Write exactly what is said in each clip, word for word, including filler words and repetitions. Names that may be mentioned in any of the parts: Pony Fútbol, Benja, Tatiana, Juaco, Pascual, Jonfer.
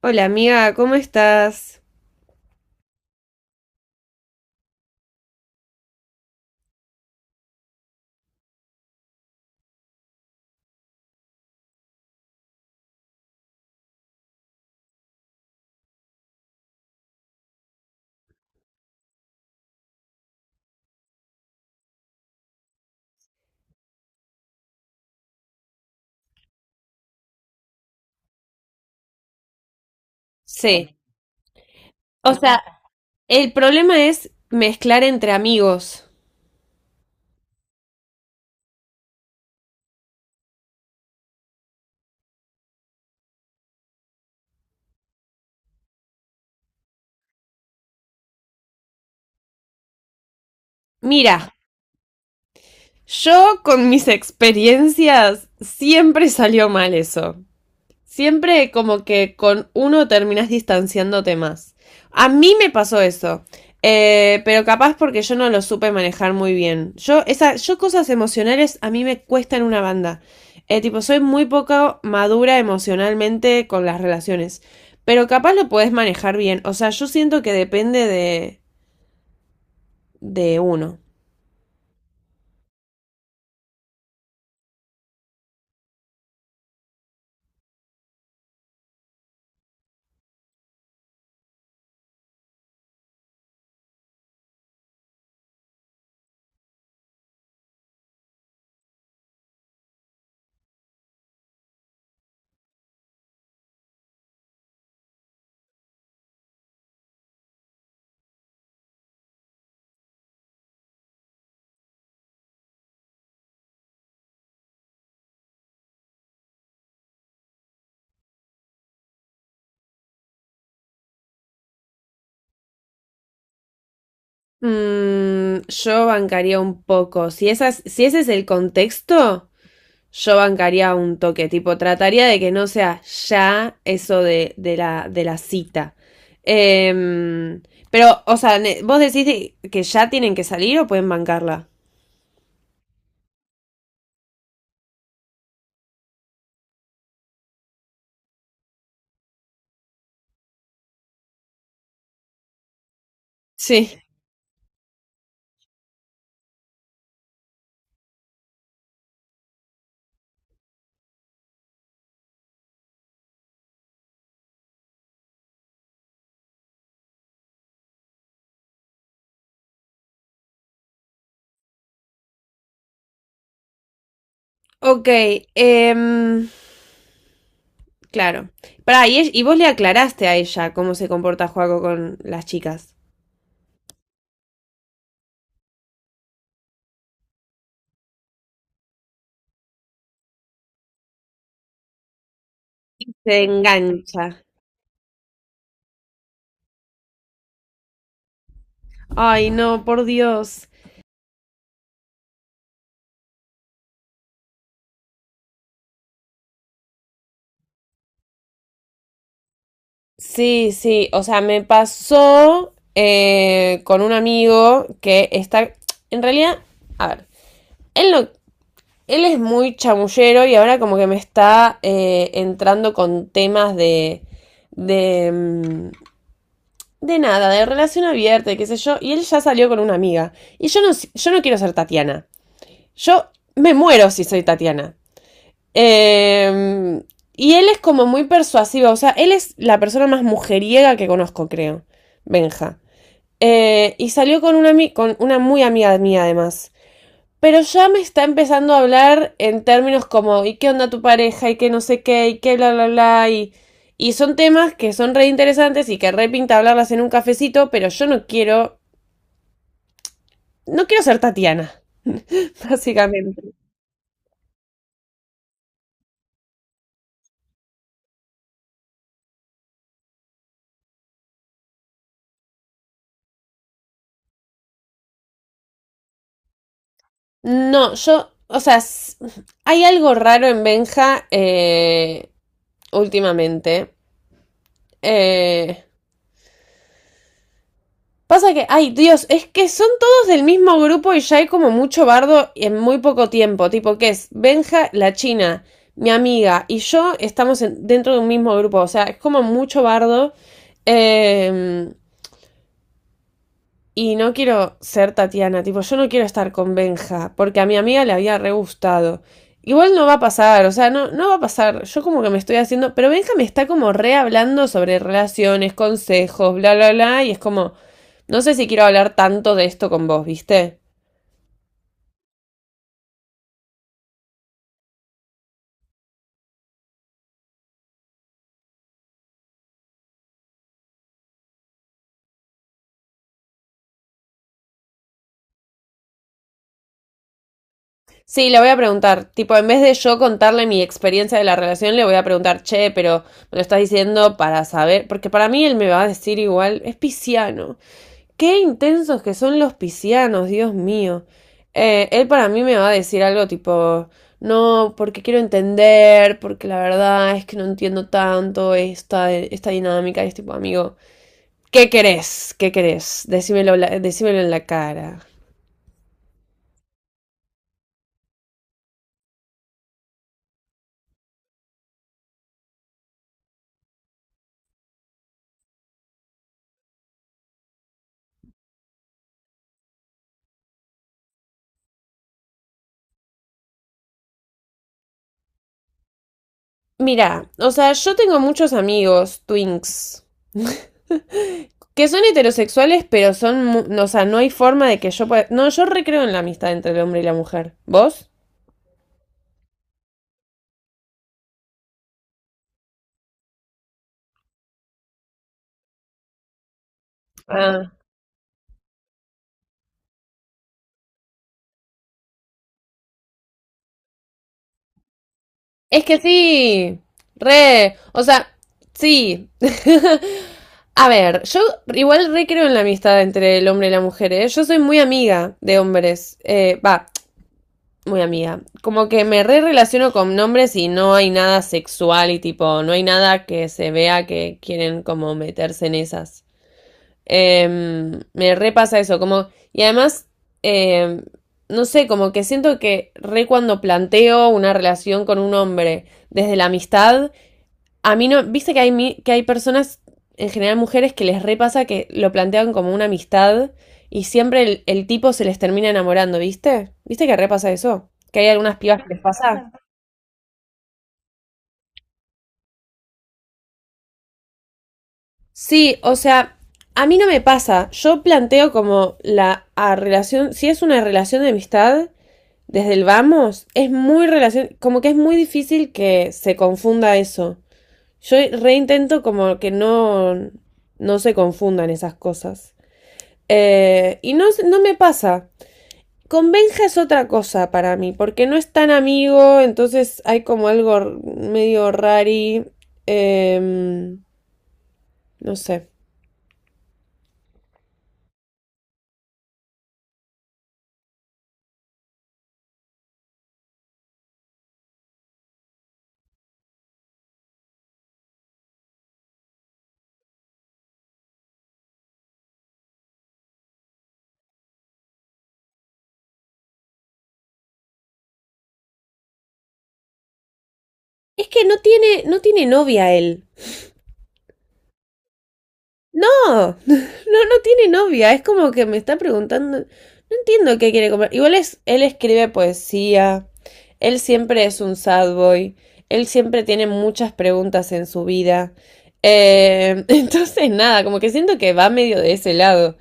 Hola amiga, ¿cómo estás? Sí. O sea, el problema es mezclar entre amigos. Mira, yo con mis experiencias siempre salió mal eso. Siempre como que con uno terminás distanciándote más. A mí me pasó eso. Eh, pero capaz porque yo no lo supe manejar muy bien. Yo, esa, yo cosas emocionales a mí me cuestan una banda. Eh, tipo, soy muy poco madura emocionalmente con las relaciones. Pero capaz lo podés manejar bien. O sea, yo siento que depende de, de uno. Mm, yo bancaría un poco. Si, esas, si ese es el contexto, yo bancaría un toque, tipo, trataría de que no sea ya eso de, de la, de la cita. Em, pero, o sea, vos decís que ya tienen que salir o pueden bancarla. Sí. Ok, em, claro. Pará, y, ell- y vos le aclaraste a ella cómo se comporta Juaco con las chicas. Se engancha. Ay, no, por Dios. Sí, sí, o sea, me pasó eh, con un amigo que está, en realidad, a ver, él no, él es muy chamullero y ahora como que me está eh, entrando con temas de, de, mm, de nada, de relación abierta, y qué sé yo, y él ya salió con una amiga. Y yo no, yo no quiero ser Tatiana. Yo me muero si soy Tatiana. Eh, y él es como muy persuasivo, o sea, él es la persona más mujeriega que conozco, creo, Benja. Eh, y salió con una, con una muy amiga mía, además. Pero ya me está empezando a hablar en términos como, ¿y qué onda tu pareja? ¿Y qué no sé qué? ¿Y qué bla, bla, bla? Y, y son temas que son re interesantes y que re pinta hablarlas en un cafecito, pero yo no quiero, no quiero ser Tatiana, básicamente. No, yo, o sea, s- hay algo raro en Benja eh, últimamente. Eh, Pasa que, ay Dios, es que son todos del mismo grupo y ya hay como mucho bardo en muy poco tiempo. Tipo, que es Benja, la china, mi amiga y yo estamos en- dentro de un mismo grupo. O sea, es como mucho bardo. Eh, Y no quiero ser Tatiana, tipo, yo no quiero estar con Benja, porque a mi amiga le había re gustado. Igual no va a pasar, o sea, no, no va a pasar. Yo como que me estoy haciendo. Pero Benja me está como re hablando sobre relaciones, consejos, bla, bla, bla. Y es como. No sé si quiero hablar tanto de esto con vos, ¿viste? Sí, le voy a preguntar. Tipo, en vez de yo contarle mi experiencia de la relación, le voy a preguntar, che, pero me lo estás diciendo para saber. Porque para mí él me va a decir igual, es pisciano. Qué intensos que son los piscianos, Dios mío. Eh, él para mí me va a decir algo tipo, no, porque quiero entender, porque la verdad es que no entiendo tanto esta, esta dinámica, y es tipo, amigo, ¿qué querés? ¿Qué querés? Decímelo, la- decímelo en la cara. Mira, o sea, yo tengo muchos amigos, twinks, que son heterosexuales, pero son, no, o sea, no hay forma de que yo pueda... No, yo recreo en la amistad entre el hombre y la mujer. ¿Vos? Ah. Es que sí, re, o sea, sí. A ver, yo igual re creo en la amistad entre el hombre y la mujer, ¿eh? Yo soy muy amiga de hombres, eh, va, muy amiga. Como que me re relaciono con hombres y no hay nada sexual y tipo, no hay nada que se vea que quieren como meterse en esas. Em, me repasa eso, como, y además, em, no sé, como que siento que re cuando planteo una relación con un hombre desde la amistad, a mí no, viste que hay, mi- que hay personas, en general mujeres, que les repasa que lo plantean como una amistad y siempre el, el tipo se les termina enamorando, ¿viste? ¿Viste que repasa eso? Que hay algunas pibas que les pasa. Sí, o sea, a mí no me pasa. Yo planteo como la a relación, si es una relación de amistad, desde el vamos, es muy relación, como que es muy difícil que se confunda eso. Yo reintento como que no, no se confundan esas cosas. Eh, y no, no me pasa. Con Benja es otra cosa para mí, porque no es tan amigo, entonces hay como algo medio rari. em, no sé. Es que no tiene, no tiene novia él. No, no, no tiene novia. Es como que me está preguntando. No entiendo qué quiere comer. Igual es, él escribe poesía. Él siempre es un sad boy. Él siempre tiene muchas preguntas en su vida. Eh, entonces, nada, como que siento que va medio de ese lado.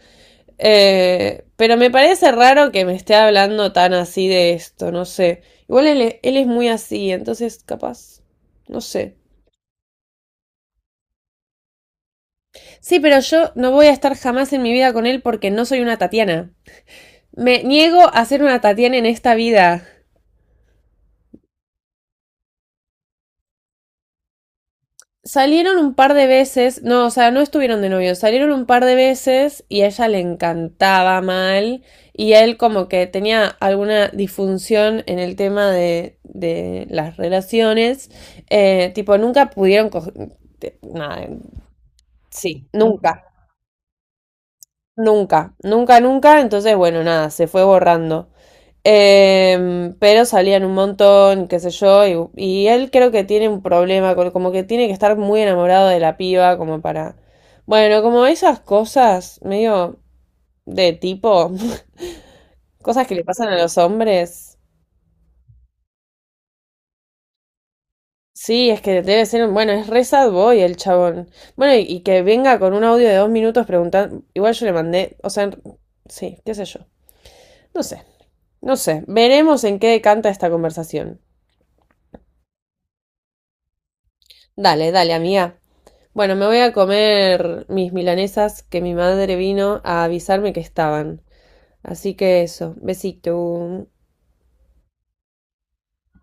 Eh, pero me parece raro que me esté hablando tan así de esto, no sé. Igual él, él es muy así, entonces capaz. No sé. Sí, pero yo no voy a estar jamás en mi vida con él porque no soy una Tatiana. Me niego a ser una Tatiana en esta vida. Salieron un par de veces, no, o sea, no estuvieron de novios, salieron un par de veces y a ella le encantaba mal y él como que tenía alguna disfunción en el tema de, de las relaciones, eh, tipo, nunca pudieron co- nada, nunca, nunca, nunca, nunca, entonces bueno, nada, se fue borrando. Em, pero salían un montón, qué sé yo, y, y él creo que tiene un problema, como que tiene que estar muy enamorado de la piba, como para... Bueno, como esas cosas medio de tipo, cosas que le pasan a los hombres. Sí, es que debe ser, un- bueno, es re sad boy el chabón. Bueno, y, y que venga con un audio de dos minutos preguntando, igual yo le mandé, o sea, en- sí, qué sé yo. No sé, no sé, veremos en qué decanta esta conversación. Dale, dale, amiga. Bueno, me voy a comer mis milanesas que mi madre vino a avisarme que estaban. Así que eso, besito.